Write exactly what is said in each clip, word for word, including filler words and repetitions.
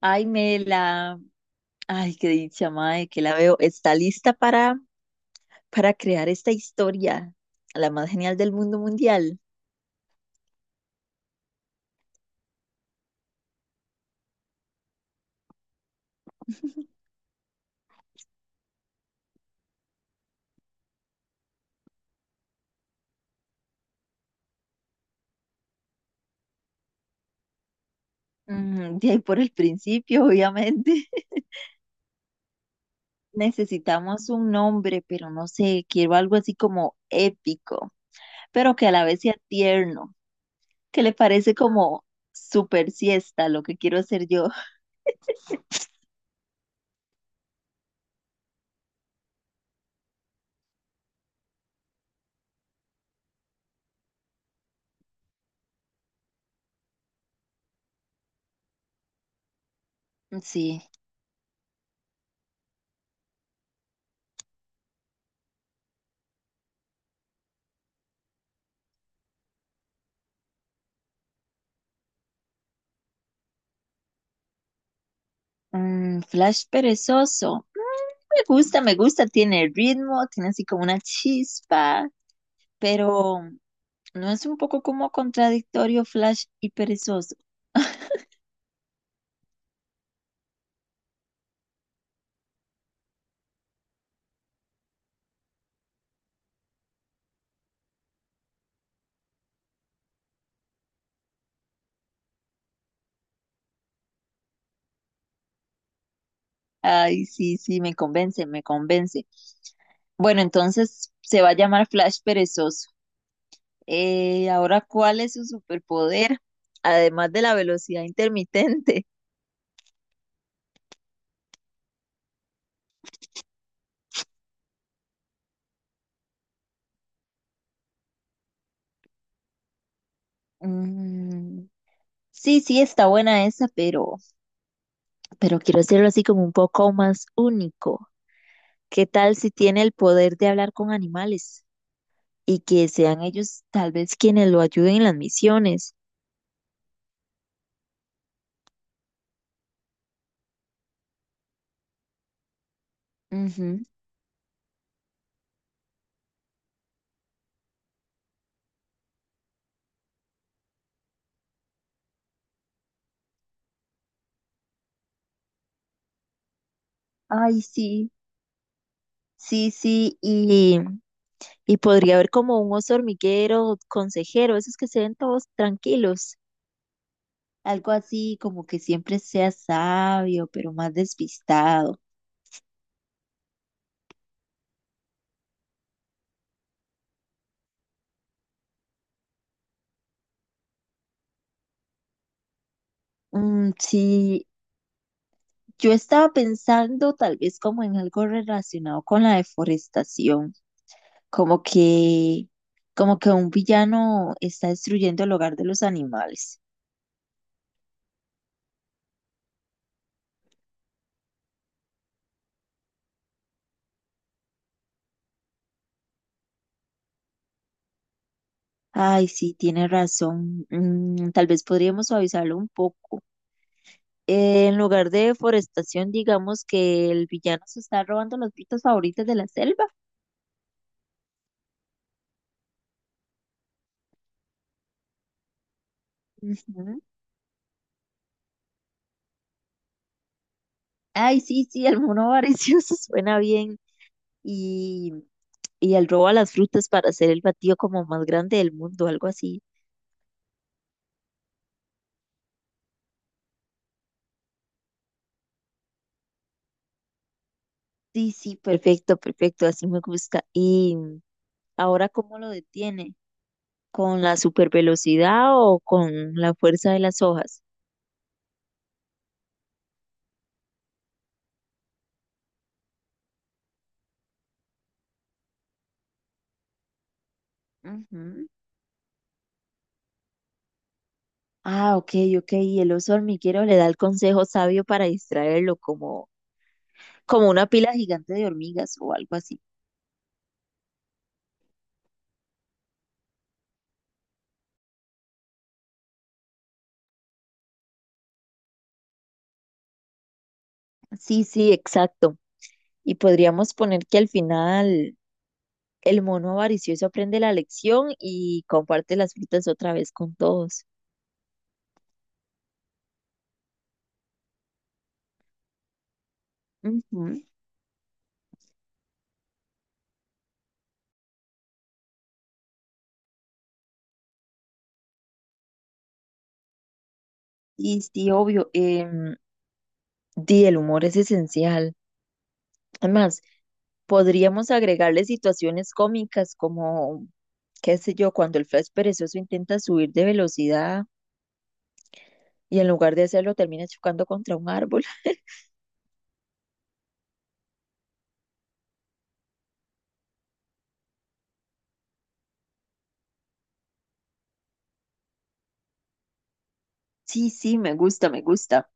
Ay, Mela, ay, qué dicha, mae, que la veo. Está lista para, para crear esta historia, la más genial del mundo mundial. Mm, de ahí por el principio, obviamente. Necesitamos un nombre, pero no sé, quiero algo así como épico, pero que a la vez sea tierno, que le parece como super siesta, lo que quiero hacer yo. Sí, mm, Flash perezoso. Me gusta, me gusta, tiene ritmo, tiene así como una chispa, pero ¿no es un poco como contradictorio, Flash y perezoso? Ay, sí, sí, me convence, me convence. Bueno, entonces se va a llamar Flash perezoso. Eh, ahora, ¿cuál es su superpoder? Además de la velocidad intermitente. Mm, sí, sí, está buena esa, pero, pero quiero hacerlo así como un poco más único. ¿Qué tal si tiene el poder de hablar con animales y que sean ellos tal vez quienes lo ayuden en las misiones? Ay, sí, sí, sí, y, y podría haber como un oso hormiguero, consejero, esos que se ven todos tranquilos, algo así como que siempre sea sabio, pero más despistado. Mm, sí, yo estaba pensando tal vez como en algo relacionado con la deforestación, como que, como que un villano está destruyendo el hogar de los animales. Ay, sí, tiene razón. Mm, tal vez podríamos suavizarlo un poco. Eh, en lugar de deforestación, digamos que el villano se está robando las frutas favoritas de la selva. Ujú. Ay, sí, sí, Almodóvar, sí, eso suena bien. Y, y el robo a las frutas para hacer el batido como más grande del mundo, algo así. Sí, sí, perfecto, perfecto, así me gusta. ¿Y ahora cómo lo detiene? ¿Con la supervelocidad o con la fuerza de las hojas? Ujú. Ah, ok, ok. Y el oso hormiguero le da el consejo sabio para distraerlo, como como una pila gigante de hormigas o algo así. Sí, sí, exacto. Y podríamos poner que al final el mono avaricioso aprende la lección y comparte las frutas otra vez con todos. Ujú. Y sí, obvio, em, di, el humor es esencial. Además, podríamos agregarle situaciones cómicas como, qué sé yo, cuando el Flash perezoso intenta subir de velocidad y en lugar de hacerlo termina chocando contra un árbol. Sí, sí, me gusta, me gusta.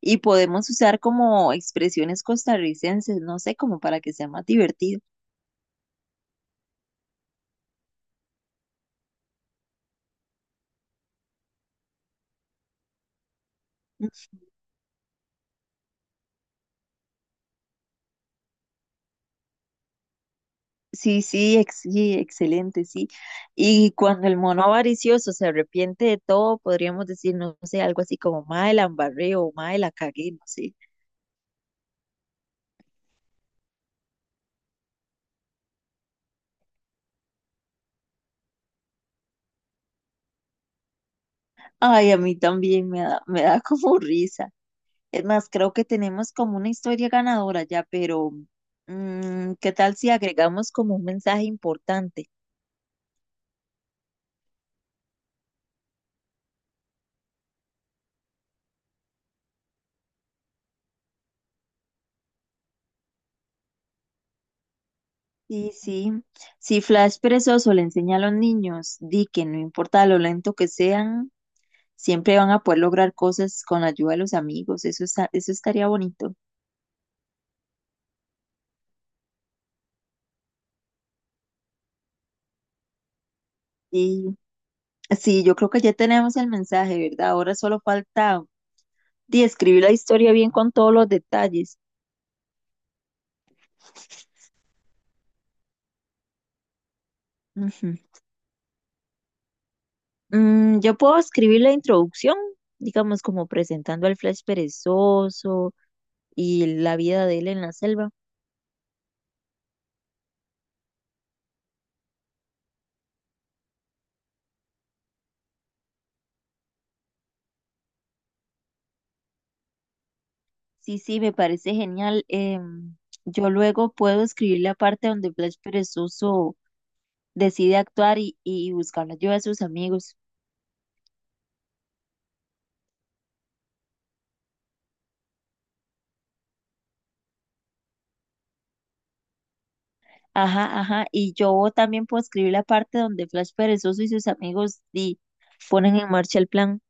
Y podemos usar como expresiones costarricenses, no sé, como para que sea más divertido. Mm, Sí, sí, ex- sí, excelente, sí. Y cuando el mono avaricioso se arrepiente de todo, podríamos decir, no sé, algo así como, mae, la embarré o mae, la cagué, no sé. Ay, a mí también me da, me da como risa. Es más, creo que tenemos como una historia ganadora ya, pero mm, ¿qué tal si agregamos como un mensaje importante? Sí, sí. Si Flash perezoso le enseña a los niños, di que no importa lo lento que sean, siempre van a poder lograr cosas con la ayuda de los amigos. Eso está, eso estaría bonito. Y sí, yo creo que ya tenemos el mensaje, ¿verdad? Ahora solo falta di, escribir la historia bien con todos los detalles. Ujú. Mm, yo puedo escribir la introducción, digamos, como presentando al Flash perezoso y la vida de él en la selva. Sí, sí, me parece genial. Em, yo luego puedo escribir la parte donde Blas Perezoso decide actuar y, y buscar la ayuda de sus amigos. Ajá, ajá. Y yo también puedo escribir la parte donde Flash Perezoso y sus amigos di- ponen en marcha el plan.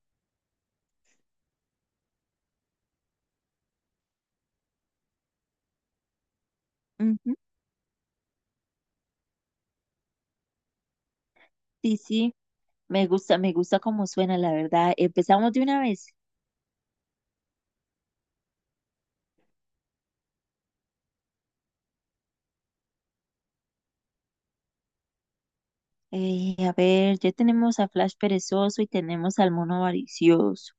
Ujú, sí, sí, me gusta, me gusta cómo suena, la verdad. Empezamos de una vez. Eh, a ver, ya tenemos a Flash Perezoso y tenemos al mono avaricioso.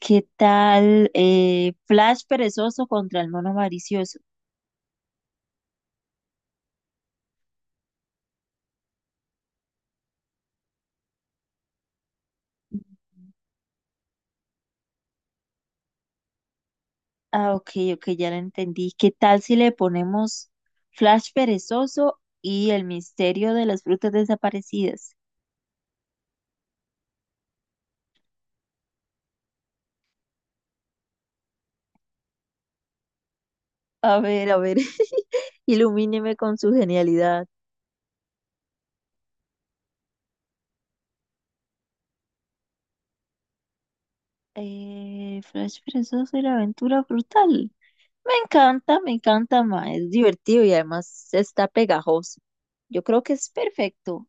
¿Qué tal eh, Flash Perezoso contra el mono avaricioso? Ah, ok, ok, ya lo entendí. ¿Qué tal si le ponemos Flash Perezoso y el misterio de las frutas desaparecidas? A ver, a ver, ilumíneme con su genialidad. Eh, Flash Perezoso y la aventura frutal. Me encanta, me encanta, ma. Es divertido y además está pegajoso. Yo creo que es perfecto.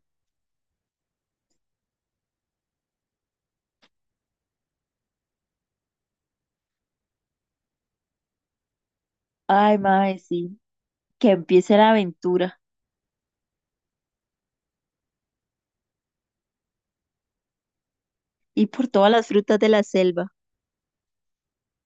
Ay, ma, sí. Que empiece la aventura y por todas las frutas de la selva.